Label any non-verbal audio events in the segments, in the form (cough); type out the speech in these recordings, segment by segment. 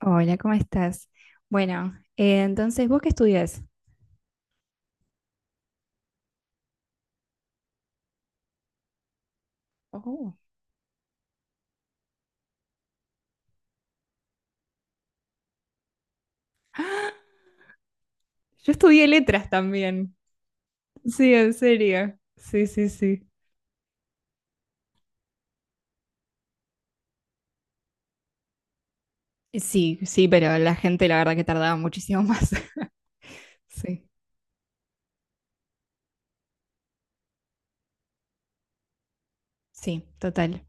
Hola, ¿cómo estás? Bueno, entonces, ¿vos qué estudias? Oh, yo estudié letras también. Sí, en serio. Sí, sí, sí. Sí, sí, pero la gente la verdad que tardaba muchísimo más. (laughs) Sí. Sí, total,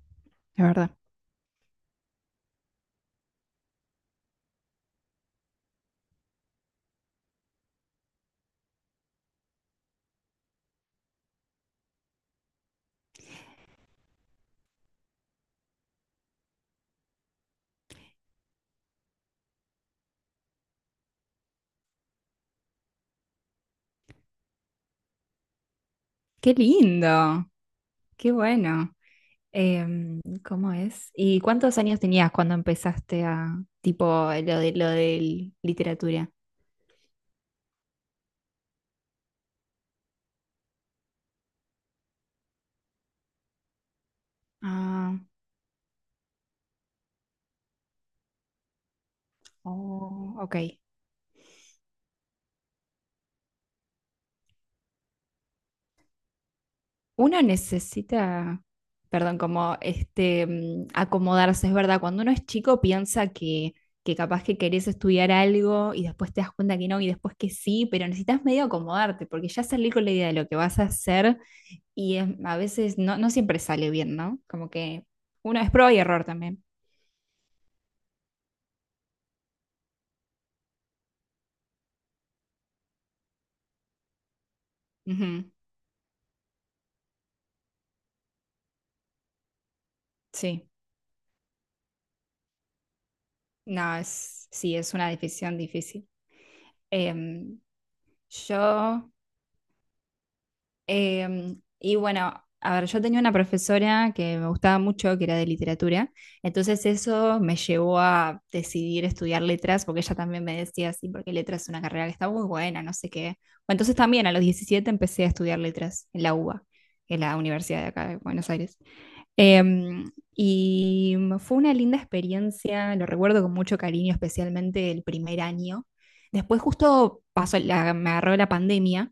la verdad. Qué lindo, qué bueno. ¿Cómo es? ¿Y cuántos años tenías cuando empezaste a, tipo, lo de literatura? Ah, oh, ok. Uno necesita, perdón, como este, acomodarse, es verdad, cuando uno es chico piensa que capaz que querés estudiar algo y después te das cuenta que no y después que sí, pero necesitas medio acomodarte porque ya salir con la idea de lo que vas a hacer y a veces no, no siempre sale bien, ¿no? Como que uno es prueba y error también. Ujú. Sí, no, es, sí, es una decisión difícil. Em, yo. Y bueno, a ver, yo tenía una profesora que me gustaba mucho, que era de literatura, entonces eso me llevó a decidir estudiar letras, porque ella también me decía, sí, porque letras es una carrera que está muy buena, no sé qué. Bueno, entonces también a los 17 empecé a estudiar letras en la UBA, en la universidad de acá de Buenos Aires. Y fue una linda experiencia, lo recuerdo con mucho cariño, especialmente el primer año. Después justo pasó me agarró la pandemia,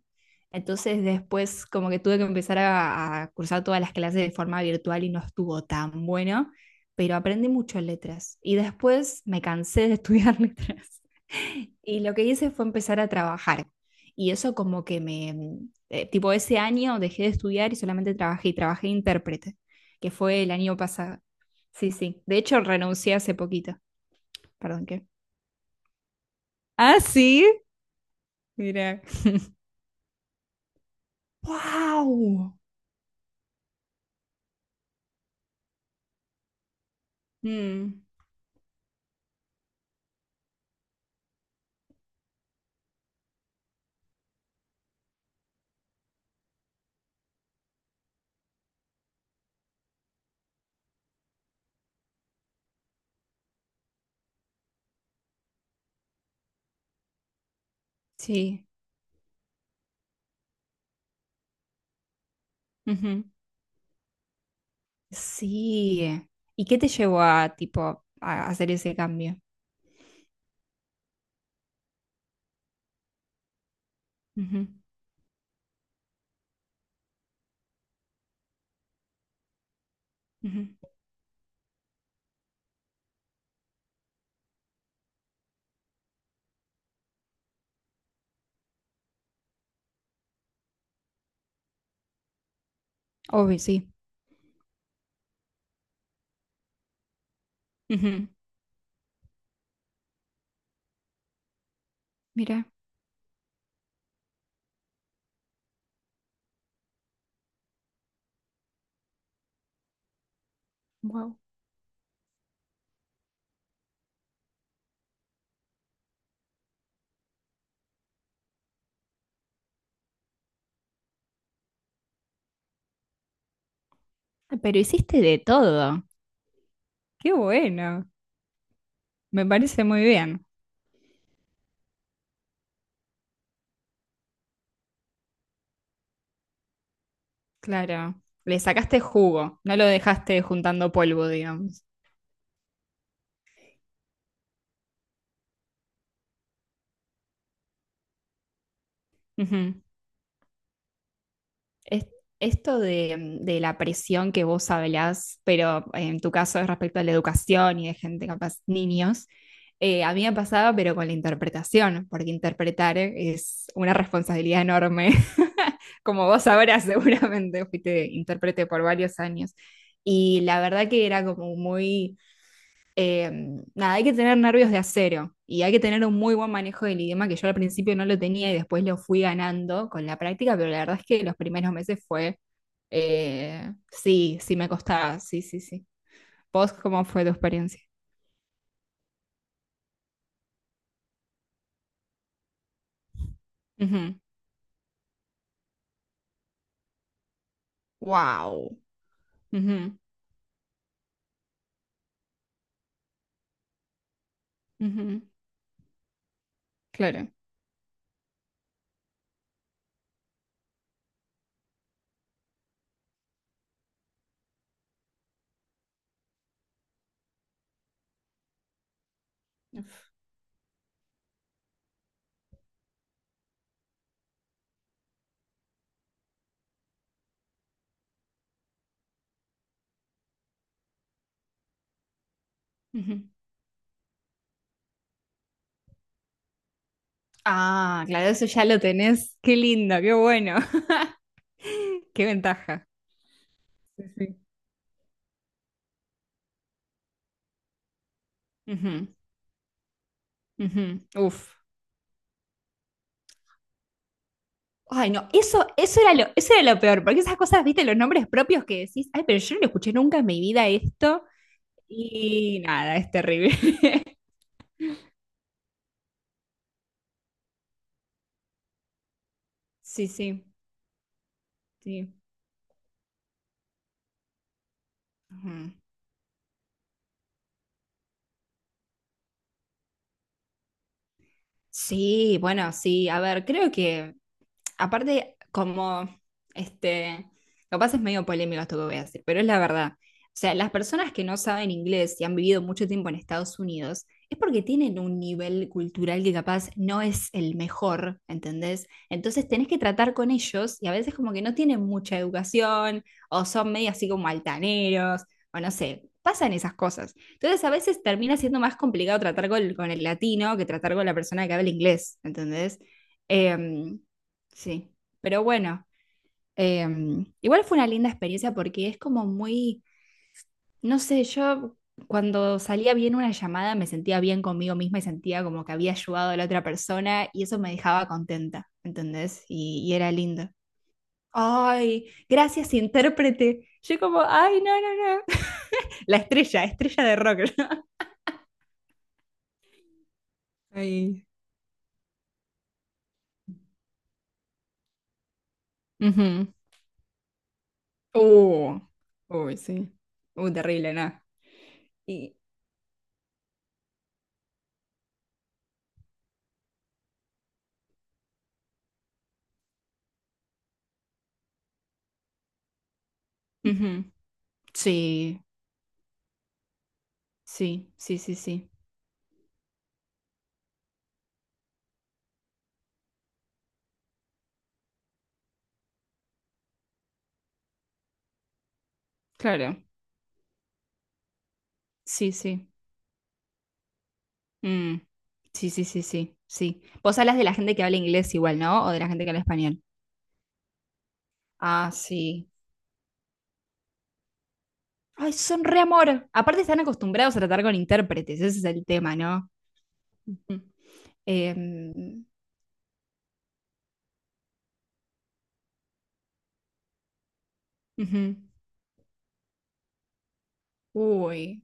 entonces después como que tuve que empezar a cursar todas las clases de forma virtual y no estuvo tan bueno, pero aprendí mucho en letras. Y después me cansé de estudiar (laughs) letras. Y lo que hice fue empezar a trabajar. Y eso como que me tipo ese año dejé de estudiar y solamente trabajé y trabajé de intérprete que fue el año pasado. Sí, sí. De hecho, renuncié hace poquito. Perdón, ¿qué? Ah, sí. Mira. ¡Wow! Mm, sí. Ujú. Sí. ¿Y qué te llevó a, tipo, a hacer ese cambio? Ujú, ujú. Obvio, sí. Ujú. Mira, wow. Ah, pero hiciste de todo. Qué bueno. Me parece muy bien. Claro. Le sacaste jugo, no lo dejaste juntando polvo, digamos. Es- Esto de la presión que vos hablás, pero en tu caso es respecto a la educación y de gente capaz, niños, a mí me pasaba, pero con la interpretación, porque interpretar es una responsabilidad enorme, (laughs) como vos sabrás (laughs) seguramente, fuiste intérprete por varios años. Y la verdad que era como muy eh, nada, hay que tener nervios de acero y hay que tener un muy buen manejo del idioma que yo al principio no lo tenía y después lo fui ganando con la práctica, pero la verdad es que los primeros meses fue, sí, sí me costaba, sí, sí, sí. ¿Vos cómo fue tu experiencia? Ujú. Wow. Ujú, ujú. Claro. Ujú. Ah, claro, eso ya lo tenés. Qué lindo, qué bueno. (laughs) Qué ventaja. Sí, sí. Ujú, ujú. Uf. Ay, no, eso era eso era lo peor, porque esas cosas, viste, los nombres propios que decís, ay, pero yo no lo escuché nunca en mi vida esto, y nada, es terrible. (laughs) Sí, sí, sí. Ujú. Sí, bueno, sí, a ver, creo que aparte, como, este, capaz es medio polémico esto que voy a decir, pero es la verdad. O sea, las personas que no saben inglés y han vivido mucho tiempo en Estados Unidos, es porque tienen un nivel cultural que capaz no es el mejor, ¿entendés? Entonces tenés que tratar con ellos y a veces como que no tienen mucha educación o son medio así como altaneros o no sé, pasan esas cosas. Entonces a veces termina siendo más complicado tratar con el latino que tratar con la persona que habla inglés, ¿entendés? Em, Sí, pero bueno, igual fue una linda experiencia porque es como muy, no sé, yo cuando salía bien una llamada me sentía bien conmigo misma y sentía como que había ayudado a la otra persona y eso me dejaba contenta, ¿entendés? Y era lindo. Ay, gracias, intérprete. Yo como, ay, no, no, no. (laughs) Estrella de rock. (laughs) Ay. Ujú. Uh, Uy, sí. Uh, terrible, ¿no? Y, ujú. Sí, sí, sí, sí, sí. Claro, sí, sí. Mm. Sí, sí, sí, sí, sí. Vos hablas de la gente que habla inglés igual, ¿no? O de la gente que habla español. Ah, sí. Ay, son re amor. Aparte están acostumbrados a tratar con intérpretes, ese es el tema, ¿no? Ujú. Em, ujú. Uy,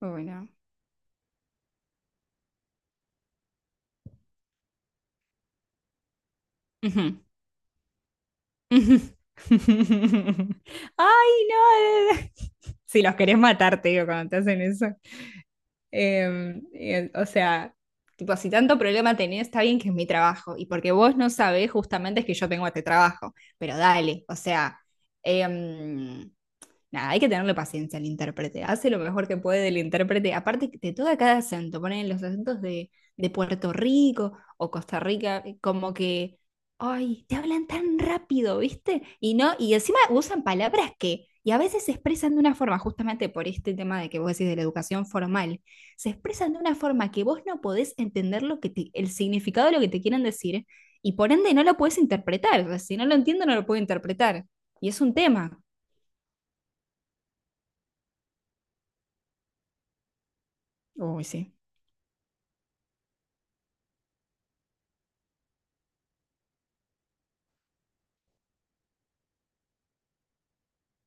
uy, no. Ujú, ujú. (laughs) Ay, no. Si los querés matar, te digo, cuando te hacen eso. Y o sea, tipo, si tanto problema tenés, está bien que es mi trabajo. Y porque vos no sabés justamente es que yo tengo este trabajo. Pero dale, o sea, em, nada, hay que tenerle paciencia al intérprete. Hace lo mejor que puede el intérprete. Aparte, que te toca cada acento. Ponen los acentos de Puerto Rico o Costa Rica, como que, ay, te hablan tan rápido, ¿viste? Y no, y encima usan palabras que, y a veces se expresan de una forma, justamente por este tema de que vos decís de la educación formal, se expresan de una forma que vos no podés entender lo que el significado de lo que te quieren decir, y por ende no lo podés interpretar. O sea, si no lo entiendo, no lo puedo interpretar. Y es un tema. Uy, sí.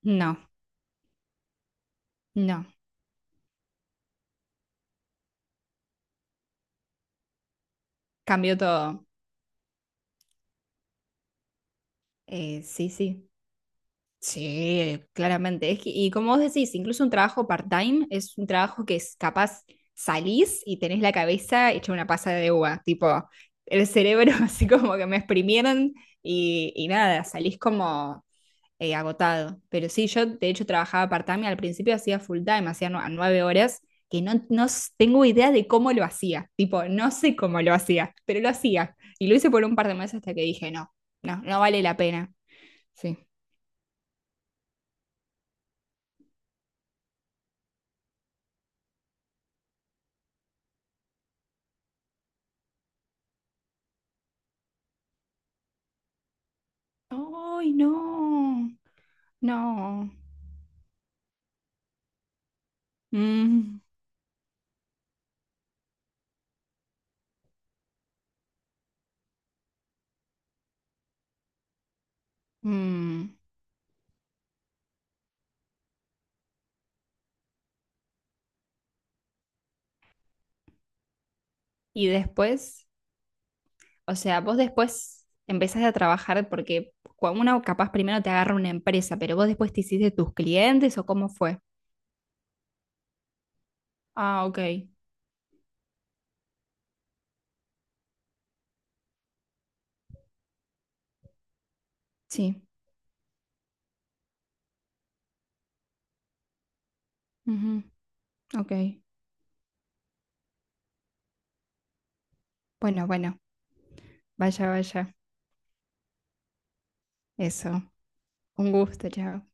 No, no, cambió todo. Sí, sí, sí, claramente. Y como vos decís, incluso un trabajo part-time es un trabajo que es capaz salís y tenés la cabeza hecha una pasa de uva, tipo el cerebro (laughs) así como que me exprimieron y nada, salís como agotado. Pero sí, yo de hecho trabajaba part-time, y al principio hacía full-time, hacía nu- a 9 horas, que no, tengo idea de cómo lo hacía. Tipo, no sé cómo lo hacía, pero lo hacía. Y lo hice por un par de meses hasta que dije, no, no, no vale la pena. Sí. ¡Ay, no! No. Mm, mm. Y después, o sea, vos después empezaste a trabajar porque uno capaz primero te agarra una empresa, pero vos después te hiciste tus clientes o cómo fue. Ah, ok. Sí. Ujú. Ok. Bueno, bueno, vaya, vaya. Eso. Un gusto, chao.